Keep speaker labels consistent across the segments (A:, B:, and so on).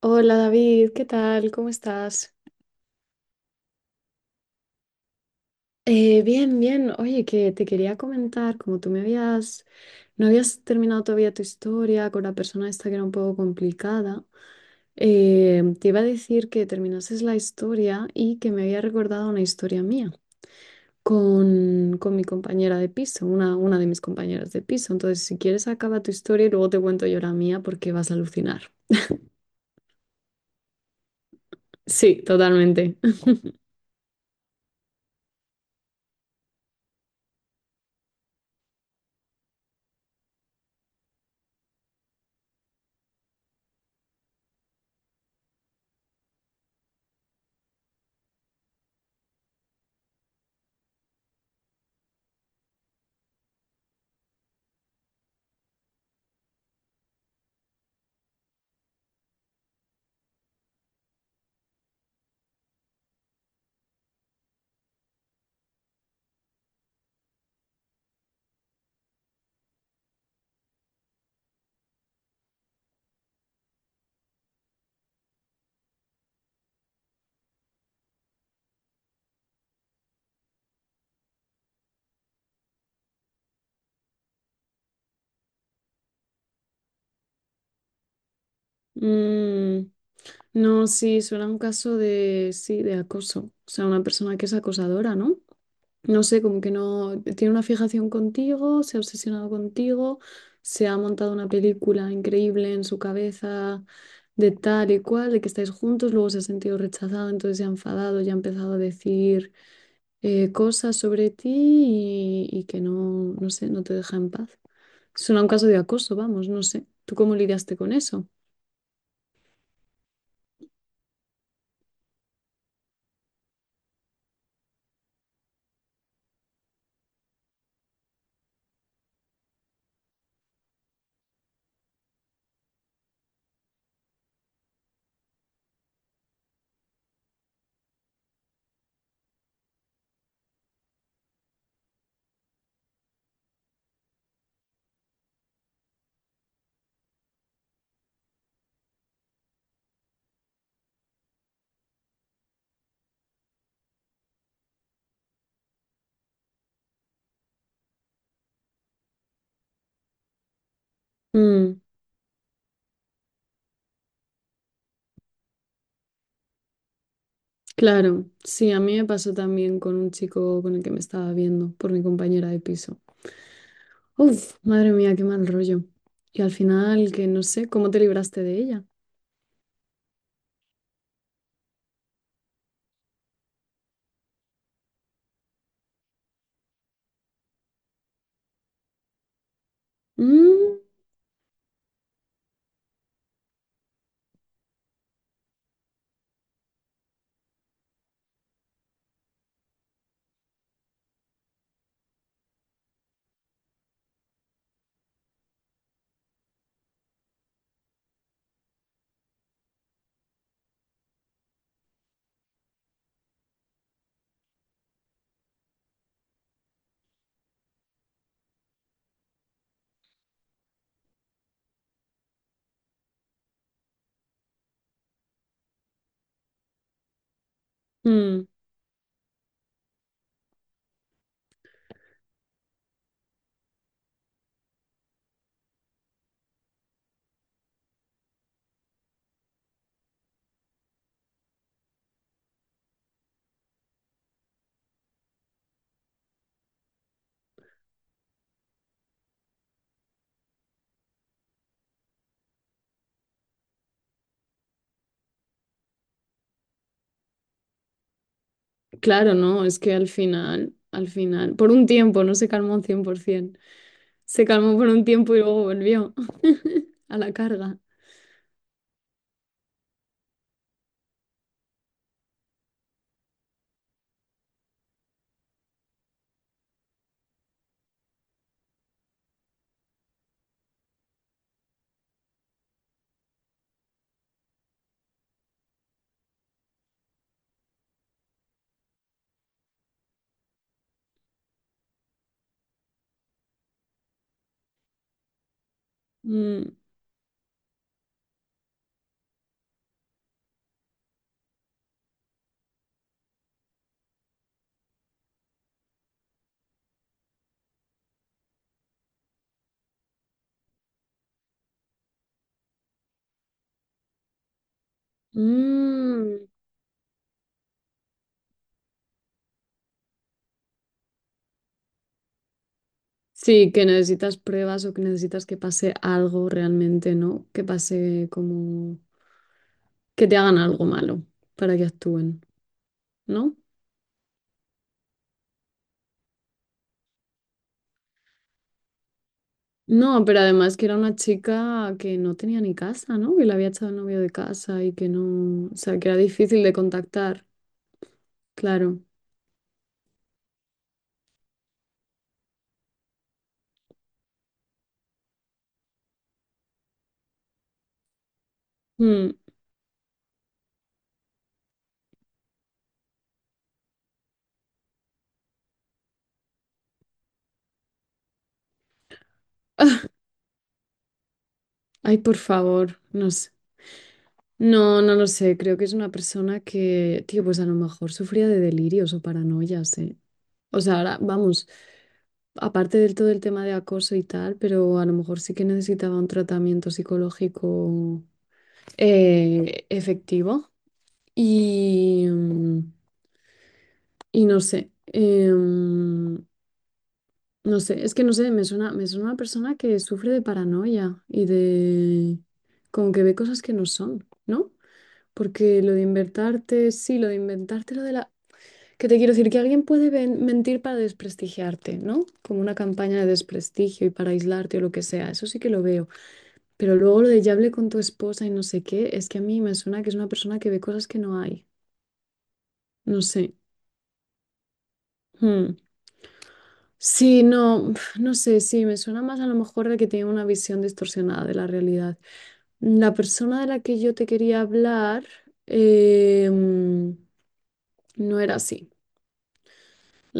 A: Hola David, ¿qué tal? ¿Cómo estás? Bien, bien. Oye, que te quería comentar, como tú me habías, no habías terminado todavía tu historia con la persona esta que era un poco complicada, te iba a decir que terminases la historia y que me había recordado una historia mía con mi compañera de piso, una de mis compañeras de piso. Entonces, si quieres, acaba tu historia y luego te cuento yo la mía porque vas a alucinar. Sí, totalmente. Mm. No, sí, suena a un caso de, sí, de acoso. O sea, una persona que es acosadora, ¿no? No sé, como que no tiene una fijación contigo, se ha obsesionado contigo, se ha montado una película increíble en su cabeza de tal y cual, de que estáis juntos, luego se ha sentido rechazado, entonces se ha enfadado, ya ha empezado a decir cosas sobre ti y que no, no sé, no te deja en paz. Suena a un caso de acoso, vamos, no sé. ¿Tú cómo lidiaste con eso? Mm. Claro, sí, a mí me pasó también con un chico con el que me estaba viendo por mi compañera de piso. Uf, madre mía, qué mal rollo. Y al final, que no sé, ¿cómo te libraste de ella? Mm. Mm, claro, no, es que al final, por un tiempo, no se calmó un 100%. Se calmó por un tiempo y luego volvió a la carga. Mm. Mm. Sí, que necesitas pruebas o que necesitas que pase algo realmente, ¿no? Que pase como que te hagan algo malo para que actúen, ¿no? No, pero además que era una chica que no tenía ni casa, ¿no? Que la había echado el novio de casa y que no, o sea, que era difícil de contactar, claro. Mm. Ay, por favor, no sé. No, no lo sé, creo que es una persona que, tío, pues a lo mejor sufría de delirios o paranoias, ¿eh? O sea, ahora, vamos. Aparte del todo el tema de acoso y tal, pero a lo mejor sí que necesitaba un tratamiento psicológico efectivo. Y no sé, no sé, es que no sé, me suena una persona que sufre de paranoia y de como que ve cosas que no son, ¿no? Porque lo de inventarte, sí, lo de inventarte lo de la... Que te quiero decir que alguien puede mentir para desprestigiarte, ¿no? Como una campaña de desprestigio y para aislarte o lo que sea, eso sí que lo veo. Pero luego lo de ya hablé con tu esposa y no sé qué, es que a mí me suena que es una persona que ve cosas que no hay. No sé. Hmm. Sí, no, no sé, sí, me suena más a lo mejor de que tiene una visión distorsionada de la realidad. La persona de la que yo te quería hablar eh, mm, no era así.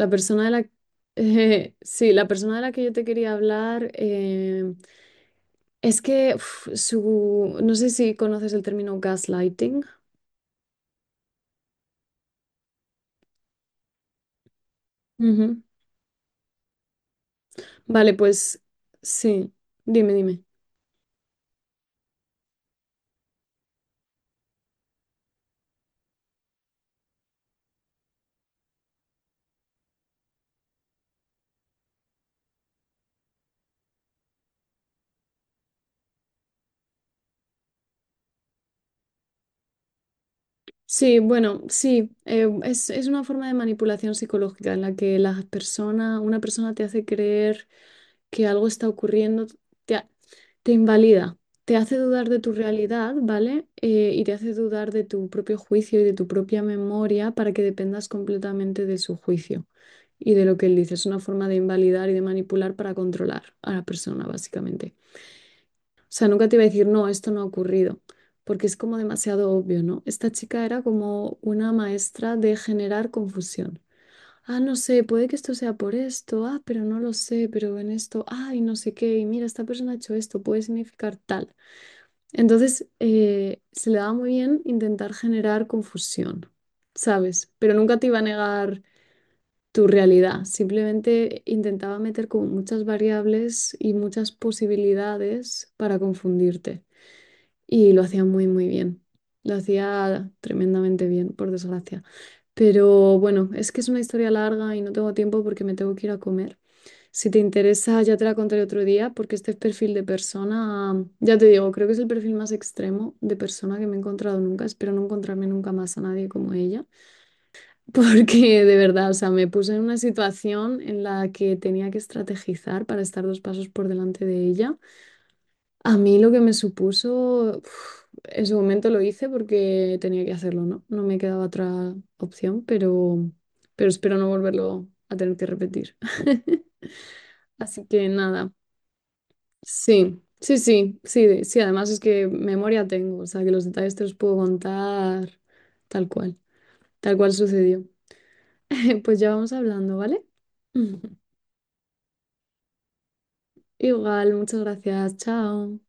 A: La persona de la... Sí, la persona de la que yo te quería hablar es que uf, su... No sé si conoces el término gaslighting. Ujú. Vale, pues sí, dime, dime. Sí, bueno, sí, es una forma de manipulación psicológica en la que las personas, una persona te hace creer que algo está ocurriendo, te, ha- te invalida, te hace dudar de tu realidad, ¿vale? Y te hace dudar de tu propio juicio y de tu propia memoria para que dependas completamente de su juicio y de lo que él dice. Es una forma de invalidar y de manipular para controlar a la persona, básicamente. O sea, nunca te iba a decir, no, esto no ha ocurrido, porque es como demasiado obvio, ¿no? Esta chica era como una maestra de generar confusión. Ah, no sé, puede que esto sea por esto, ah, pero no lo sé, pero en esto, ay, no sé qué, y mira, esta persona ha hecho esto, puede significar tal. Entonces, se le daba muy bien intentar generar confusión, ¿sabes? Pero nunca te iba a negar tu realidad, simplemente intentaba meter como muchas variables y muchas posibilidades para confundirte y lo hacía muy, muy bien. Lo hacía tremendamente bien, por desgracia. Pero bueno, es que es una historia larga y no tengo tiempo porque me tengo que ir a comer. Si te interesa, ya te la contaré otro día porque este perfil de persona, ya te digo, creo que es el perfil más extremo de persona que me he encontrado nunca. Espero no encontrarme nunca más a nadie como ella, porque de verdad, o sea, me puse en una situación en la que tenía que estrategizar para estar dos pasos por delante de ella. A mí lo que me supuso, uf, en su momento lo hice porque tenía que hacerlo, ¿no? No me quedaba otra opción, pero espero no volverlo a tener que repetir. Así que nada, sí, sí, sí, sí, sí, además es que memoria tengo, o sea que los detalles te los puedo contar tal cual, tal cual sucedió. Pues ya vamos hablando, ¿vale? Igual, muchas gracias, chao.